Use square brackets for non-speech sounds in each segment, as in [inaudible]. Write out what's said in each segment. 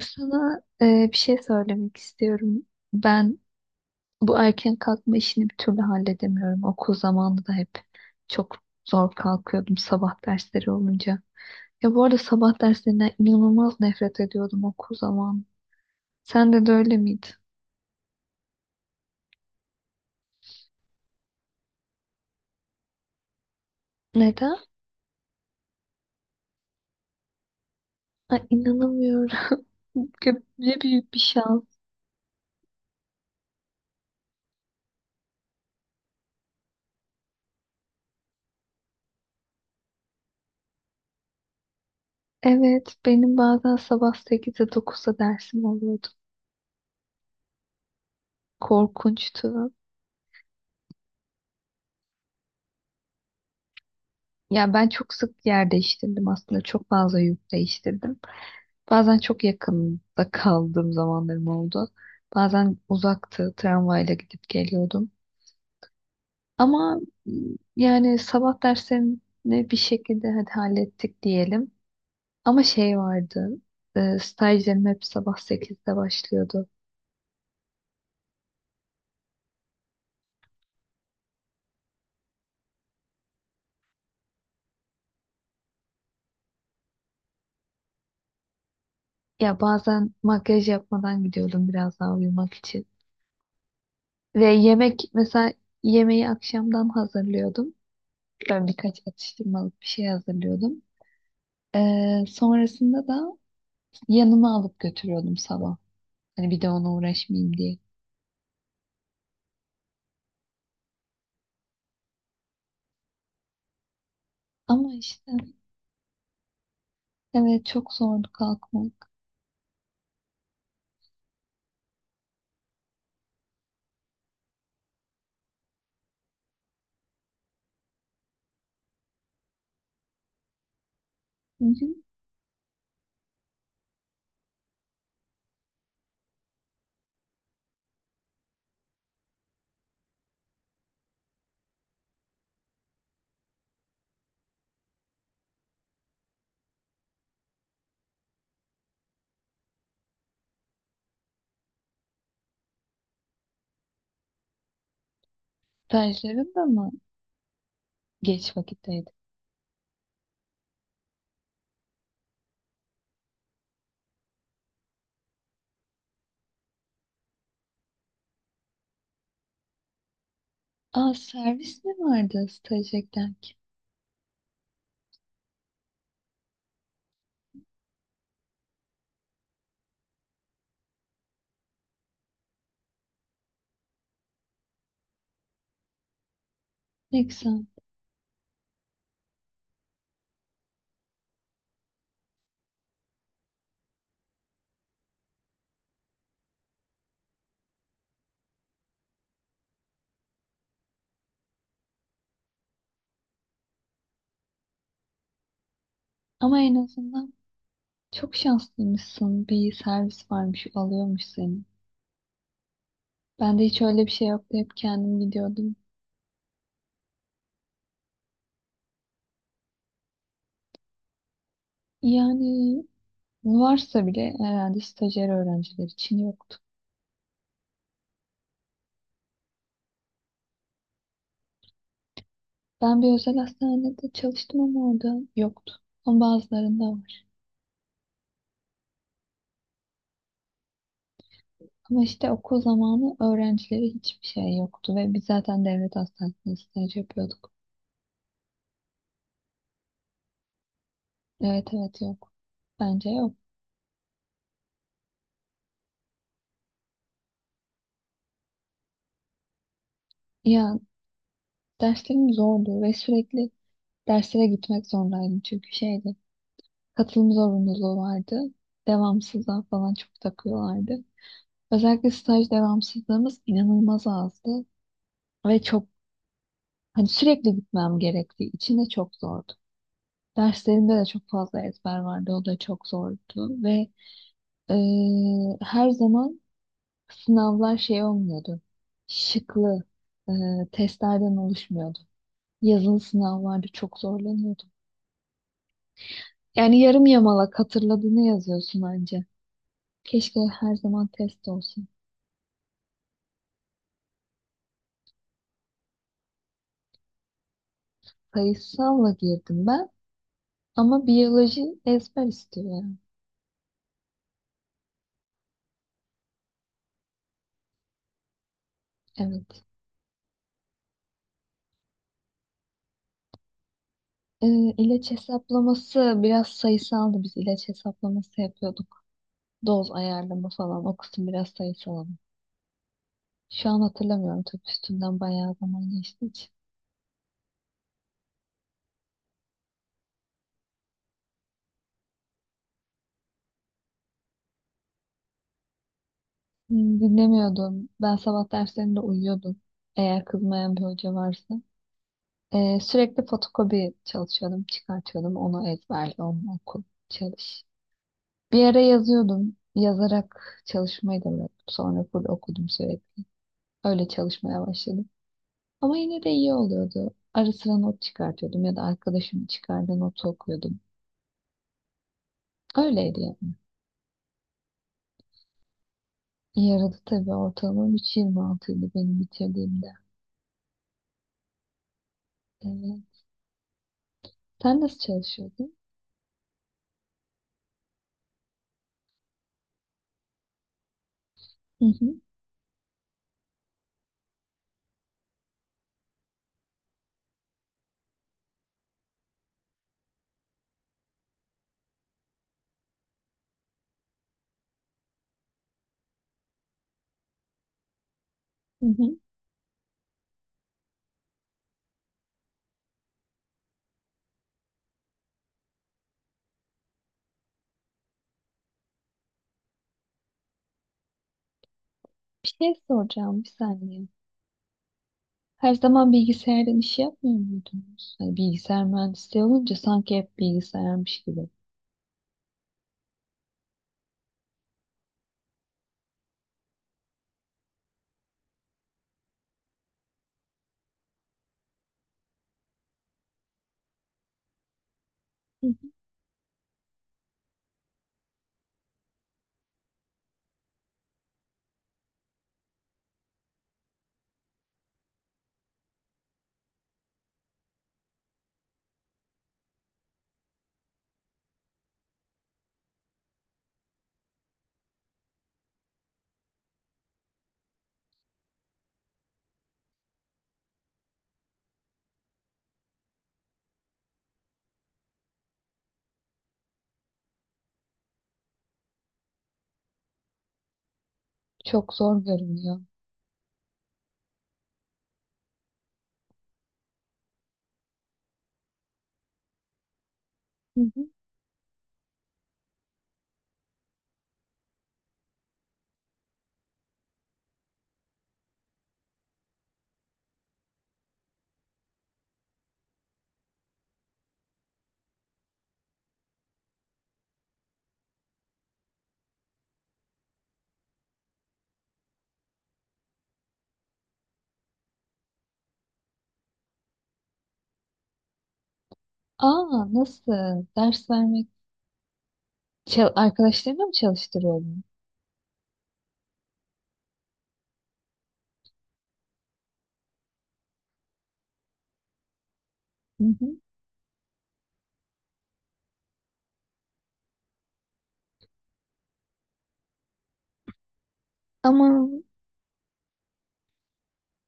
Sana bir şey söylemek istiyorum. Ben bu erken kalkma işini bir türlü halledemiyorum. Okul zamanında da hep çok zor kalkıyordum sabah dersleri olunca. Ya bu arada sabah derslerinden inanılmaz nefret ediyordum okul zamanı. Sen de öyle miydi? Neden? Ay, inanamıyorum. [laughs] Ne büyük bir şans. Evet, benim bazen sabah 8'de 9'da dersim oluyordu. Korkunçtu. Ya ben çok sık yer değiştirdim aslında. Çok fazla yurt değiştirdim. Bazen çok yakında kaldığım zamanlarım oldu. Bazen uzaktı, tramvayla gidip geliyordum. Ama m, yani sabah derslerini bir şekilde hadi hallettik diyelim. Ama şey vardı, stajlarım hep sabah 8'de başlıyordu. Ya bazen makyaj yapmadan gidiyordum biraz daha uyumak için. Ve yemek, mesela yemeği akşamdan hazırlıyordum. Ben birkaç atıştırmalık bir şey hazırlıyordum. Sonrasında da yanıma alıp götürüyordum sabah. Hani bir de ona uğraşmayayım diye. Ama işte evet, çok zordu kalkmak. Bugün stajlarım da mı geç vakitteydi? Aa, servis mi vardı stajdayken ki? Neyse. Ama en azından çok şanslıymışsın. Bir servis varmış, alıyormuş seni. Ben de hiç öyle bir şey yoktu. Hep kendim gidiyordum. Yani varsa bile herhalde stajyer öğrenciler için yoktu. Ben bir özel hastanede çalıştım ama orada yoktu. Ama bazılarında var. Ama işte okul zamanı öğrencileri hiçbir şey yoktu ve biz zaten devlet hastanesinde staj yapıyorduk. Evet evet, yok. Bence yok. Ya, derslerim zordu ve sürekli derslere gitmek zorundaydım çünkü şeydi. Katılım zorunluluğu vardı. Devamsızlığa falan çok takıyorlardı. Özellikle staj devamsızlığımız inanılmaz azdı ve çok, hani sürekli gitmem gerektiği için de çok zordu. Derslerimde de çok fazla ezber vardı. O da çok zordu ve her zaman sınavlar şey olmuyordu. Şıklı, e, testlerden oluşmuyordu. Yazılı sınavlarda çok zorlanıyordum. Yani yarım yamalak hatırladığını yazıyorsun anca. Keşke her zaman test olsun. Sayısalla girdim ben ama biyoloji ezber istiyor yani. Evet. E, ilaç hesaplaması biraz sayısaldı. Biz ilaç hesaplaması yapıyorduk. Doz ayarlama falan, o kısım biraz sayısal ama. Şu an hatırlamıyorum tabii, üstünden bayağı zaman geçti. Hmm. Dinlemiyordum. Ben sabah derslerinde uyuyordum. Eğer kızmayan bir hoca varsa. Sürekli fotokopi çalışıyordum, çıkartıyordum. Onu ezberle, onu oku, çalış. Bir ara yazıyordum. Yazarak çalışmayı da bıraktım. Sonra full okudum sürekli. Öyle çalışmaya başladım. Ama yine de iyi oluyordu. Ara sıra not çıkartıyordum ya da arkadaşımın çıkardığı notu okuyordum. Öyleydi yani. Yaradı tabii, ortalamam 3,26 idi benim bitirdiğimde. Ee, Sen nasıl çalışıyordun? Hı hı. Hı hı. Bir şey soracağım, bir saniye. Her zaman bilgisayardan iş yapmıyor muydunuz? Hani bilgisayar mühendisliği olunca sanki hep bilgisayarmış gibi. Hı hı. Çok zor görünüyor. Hı hı. Aa, nasıl? Ders vermek. Arkadaşlarına mı çalıştırıyordun? Hı hı. Ama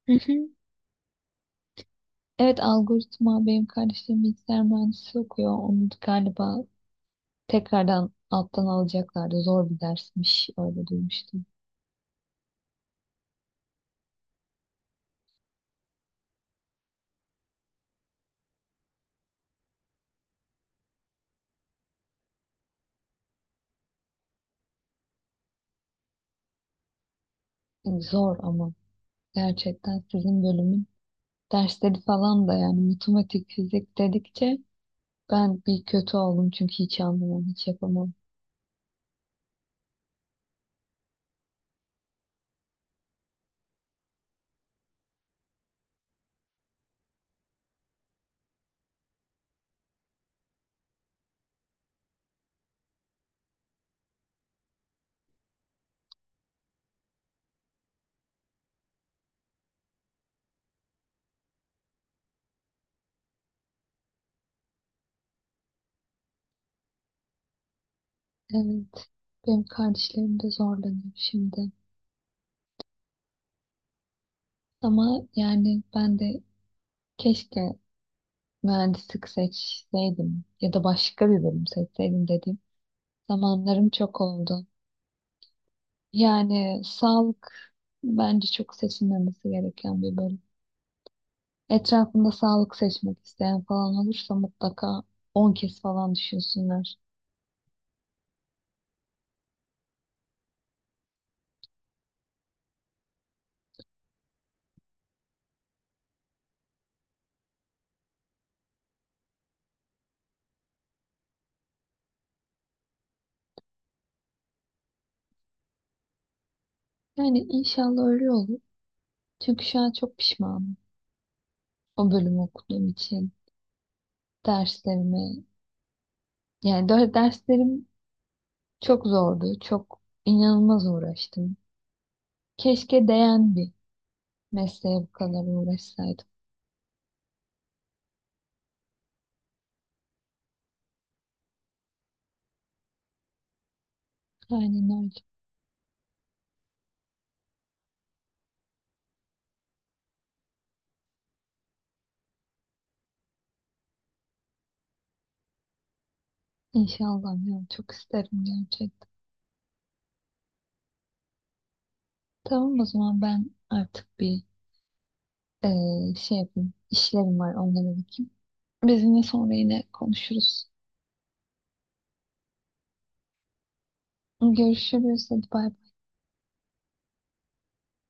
hı hı. Evet, algoritma. Benim kardeşlerim bilgisayar mühendisi okuyor. Onu galiba tekrardan alttan alacaklardı. Zor bir dersmiş, öyle duymuştum. Yani zor ama gerçekten sizin bölümün dersleri falan da, yani matematik, fizik dedikçe ben bir kötü oldum çünkü hiç anlamam, hiç yapamam. Evet, benim kardeşlerim de zorlanıyor şimdi. Ama yani ben de keşke mühendislik seçseydim ya da başka bir bölüm seçseydim dediğim zamanlarım çok oldu. Yani sağlık bence çok seçilmemesi gereken bir bölüm. Etrafında sağlık seçmek isteyen falan olursa mutlaka 10 kez falan düşünsünler. Yani inşallah öyle olur. Çünkü şu an çok pişmanım o bölümü okuduğum için. Derslerimi, yani derslerim çok zordu. Çok inanılmaz uğraştım. Keşke değen bir mesleğe bu kadar uğraşsaydım. Aynen öyle. İnşallah ya, çok isterim gerçekten. Tamam, o zaman ben artık bir şey yapayım. İşlerim var, onlara bakayım. Biz yine sonra yine konuşuruz. Görüşürüz. Hadi bay bay.